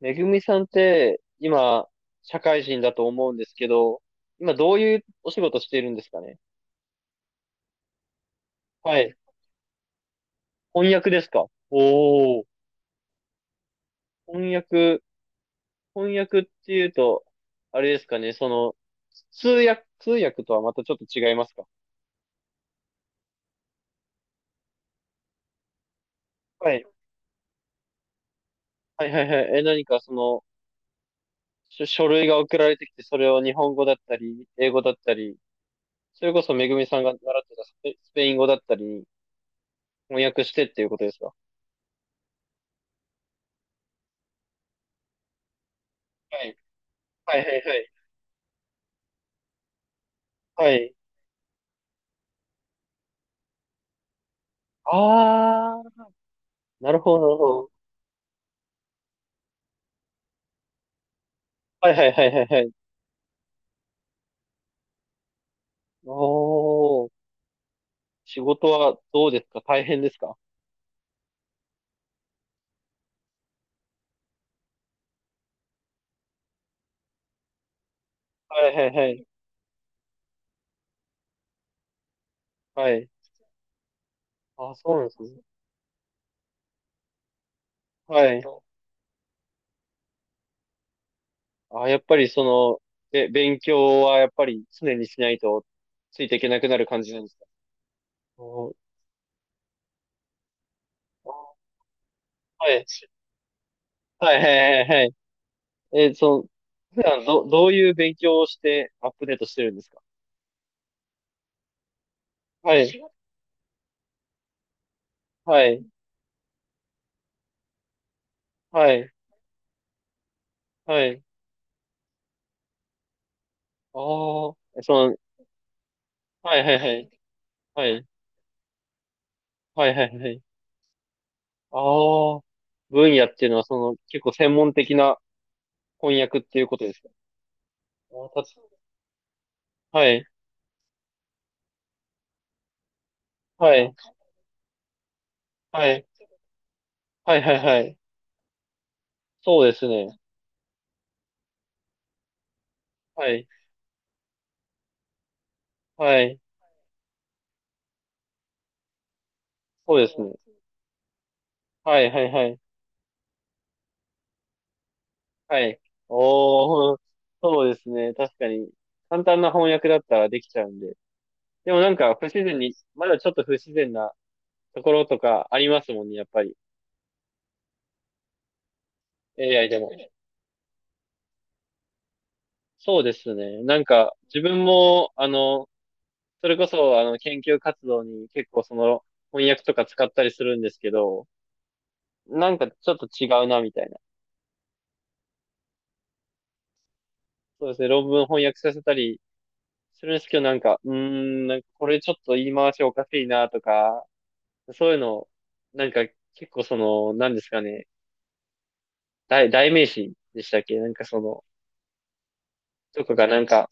めぐみさんって、今、社会人だと思うんですけど、今どういうお仕事しているんですかね？はい。翻訳ですか？おおー。翻訳、翻訳っていうと、あれですかね、通訳、通訳とはまたちょっと違いますか？はい。はいはいはい。え、何かその、書、書類が送られてきて、それを日本語だったり、英語だったり、それこそめぐみさんが習ってたスペ、スペイン語だったり、翻訳してっていうことですか？はい。はいはいはい。はい。あ、なるほど、なるほど。はいはいはいはいはい。おー、仕事はどうですか？大変ですか？はいはいはい。はい。あ、そうなんですね。はい。あ、やっぱりその、え、勉強はやっぱり常にしないとついていけなくなる感じなんですか？おー。はい。はいはいはいはい。え、普段ど、どういう勉強をしてアップデートしてるんですか？はい。はい。はい。はい。ああ、その、はいはいはい。はい。はいはいはい。ああ、分野っていうのは、その、結構専門的な翻訳っていうことですか？あーたつ、はい、はい、はい、はい、はい、はい。そうですね。はい、はい、そうですね。はい、はい、はい、はい。おー、そうですね。確かに、簡単な翻訳だったらできちゃうんで。でもなんか、不自然に、まだちょっと不自然なところとかありますもんね、やっぱり。AI でも。そうですね。なんか、自分も、それこそ、研究活動に結構その翻訳とか使ったりするんですけど、なんかちょっと違うな、みたいな。そうですね、論文翻訳させたりするんですけど、なんか、なんかこれちょっと言い回しおかしいな、とか、そういうの、なんか結構その、なんですかね、代、代名詞でしたっけ、なんかその、とかがなんか、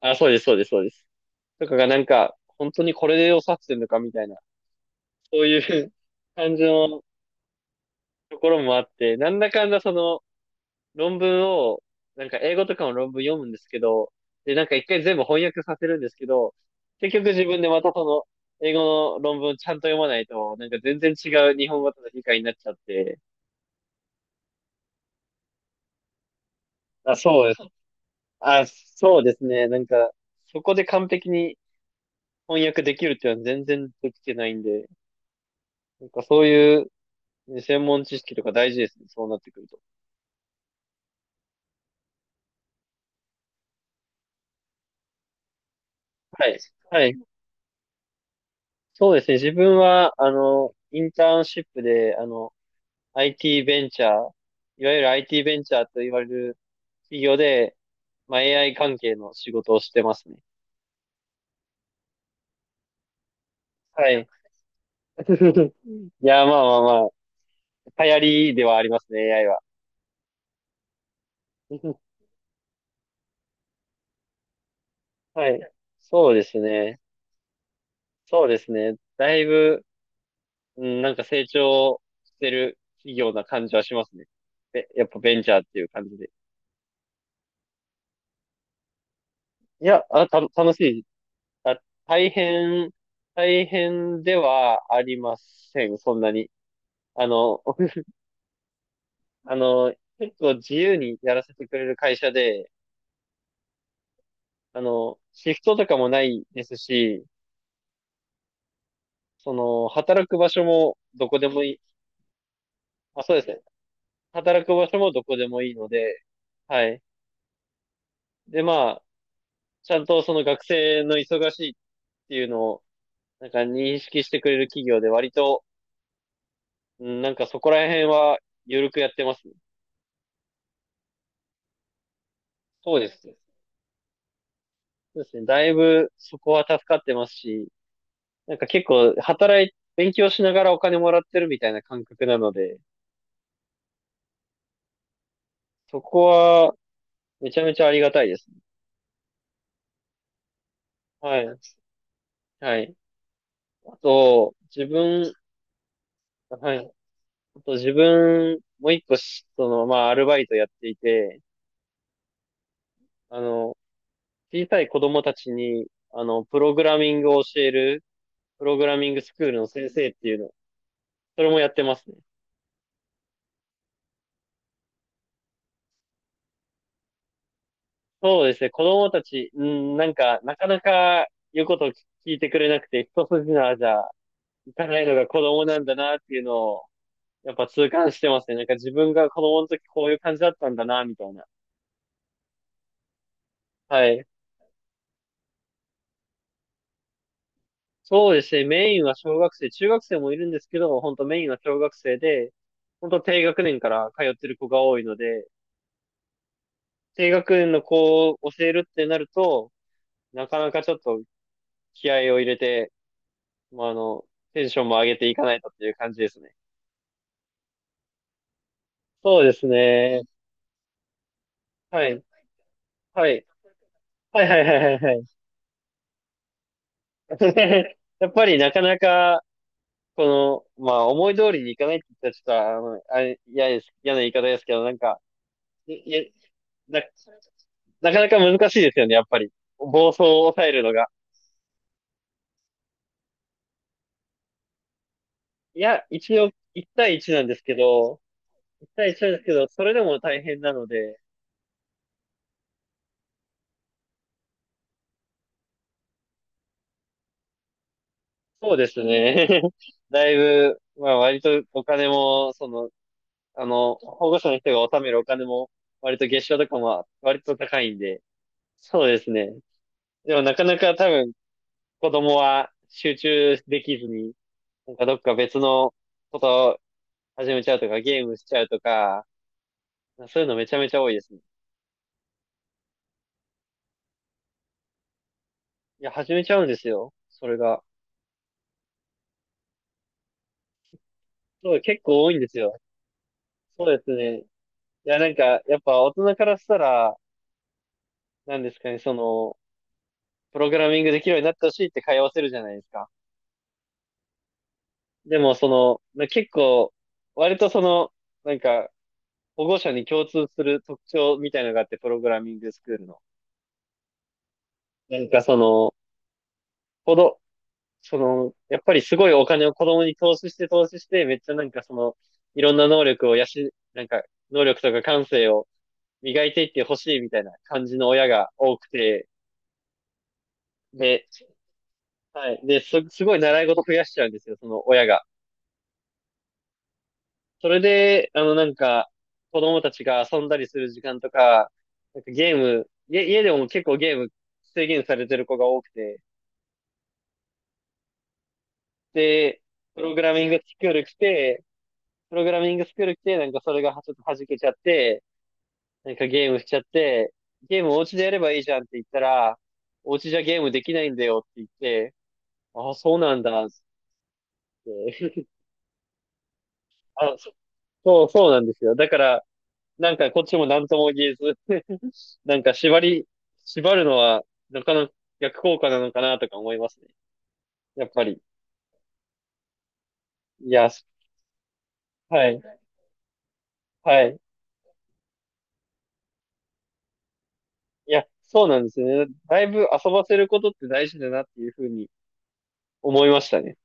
あ、そうです、そうです、そうです。とかがなんか、本当にこれで良さってんのか、みたいな、そういう 感じのところもあって、なんだかんだその、論文を、なんか英語とかの論文読むんですけど、で、なんか一回全部翻訳させるんですけど、結局自分でまたその、英語の論文ちゃんと読まないと、なんか全然違う日本語との理解になっちゃって、あ、そうです。あ、そうですね。なんか、そこで完璧に翻訳できるっていうのは全然できてないんで、なんかそういう専門知識とか大事ですね。そうなってくると。はい。はい。そうですね。自分は、インターンシップで、IT ベンチャー、いわゆる IT ベンチャーと言われる企業で、まあ、AI 関係の仕事をしてますね。はい。いや、流行りではありますね、AI は。はい。そうですね。そうですね。だいぶ、うん、なんか成長してる企業な感じはしますね。で、やっぱベンチャーっていう感じで。いや、あ、た、楽しい。あ、大変、大変ではありません、そんなに。あの、あの、結構自由にやらせてくれる会社で、シフトとかもないですし、その、働く場所もどこでもいい。あ、そうですね。働く場所もどこでもいいので、はい。で、まあ、ちゃんとその学生の忙しいっていうのを、なんか認識してくれる企業で割と、うん、なんかそこら辺は緩くやってますね。そうですね。そうですね。だいぶそこは助かってますし、なんか結構働い、勉強しながらお金もらってるみたいな感覚なので、そこは、めちゃめちゃありがたいですね。はい。はい。あと、自分、はい。あと自分、もう一個し、その、まあ、アルバイトやっていて、あの、小さい子供たちに、プログラミングを教える、プログラミングスクールの先生っていうの、それもやってますね。そうですね、子供たち、うん、なんか、なかなか言うことを聞いてくれなくて、一筋縄じゃいかないのが子供なんだなっていうのを、やっぱ痛感してますね。なんか自分が子供の時こういう感じだったんだな、みたいな。はい。そうですね。メインは小学生、中学生もいるんですけど、本当メインは小学生で、本当低学年から通ってる子が多いので、低学年の子を教えるってなると、なかなかちょっと気合を入れて、まあ、あの、テンションも上げていかないとっていう感じですね。そうですね。はい。はい。はいはいはいはいはい。やっぱりなかなかこの、まあ、思い通りにいかないって言ったら、ちょっと、あれ、嫌です、嫌な言い方ですけど、なんか、いいな、なかなか難しいですよね、やっぱり。暴走を抑えるのが。いや、一応、1対1なんですけど、1対1なんですけど、それでも大変なので、そうですね。だいぶ、まあ、割とお金も、その、保護者の人が納めるお金も、割と月賞とかも割と高いんで、そうですね。でもなかなか多分子供は集中できずに、なんかどっか別のこと始めちゃうとか、ゲームしちゃうとか、そういうのめちゃめちゃ多いですね。いや、始めちゃうんですよ。それが。そう、結構多いんですよ。そうですね。いや、なんか、やっぱ大人からしたら、なんですかね、その、プログラミングできるようになってほしいって通わせるじゃないですか。でも、その、な結構、割とその、なんか、保護者に共通する特徴みたいなのがあって、プログラミングスクールの。なんかその、子供その、やっぱりすごいお金を子供に投資して投資して、めっちゃなんかその、いろんな能力を養、なんか、能力とか感性を磨いていってほしいみたいな感じの親が多くて、で、はい。で、す、すごい習い事増やしちゃうんですよ、その親が。それで、なんか、子供たちが遊んだりする時間とか、なんかゲーム、家、家でも結構ゲーム制限されてる子が多くて、で、プログラミングスクール来て、プログラミングスクール来て、なんかそれがはちょっと弾けちゃって、なんかゲームしちゃって、ゲームお家でやればいいじゃんって言ったら、お家じゃゲームできないんだよって言って、ああ、そうなんだって。あ、そ、そう、そうなんですよ。だから、なんかこっちも何とも言えず、 なんか縛り、縛るのは、なかなか逆効果なのかなとか思いますね。やっぱり。いや、す、はい、はい。いや、そうなんですよね。だいぶ遊ばせることって大事だなっていうふうに思いましたね。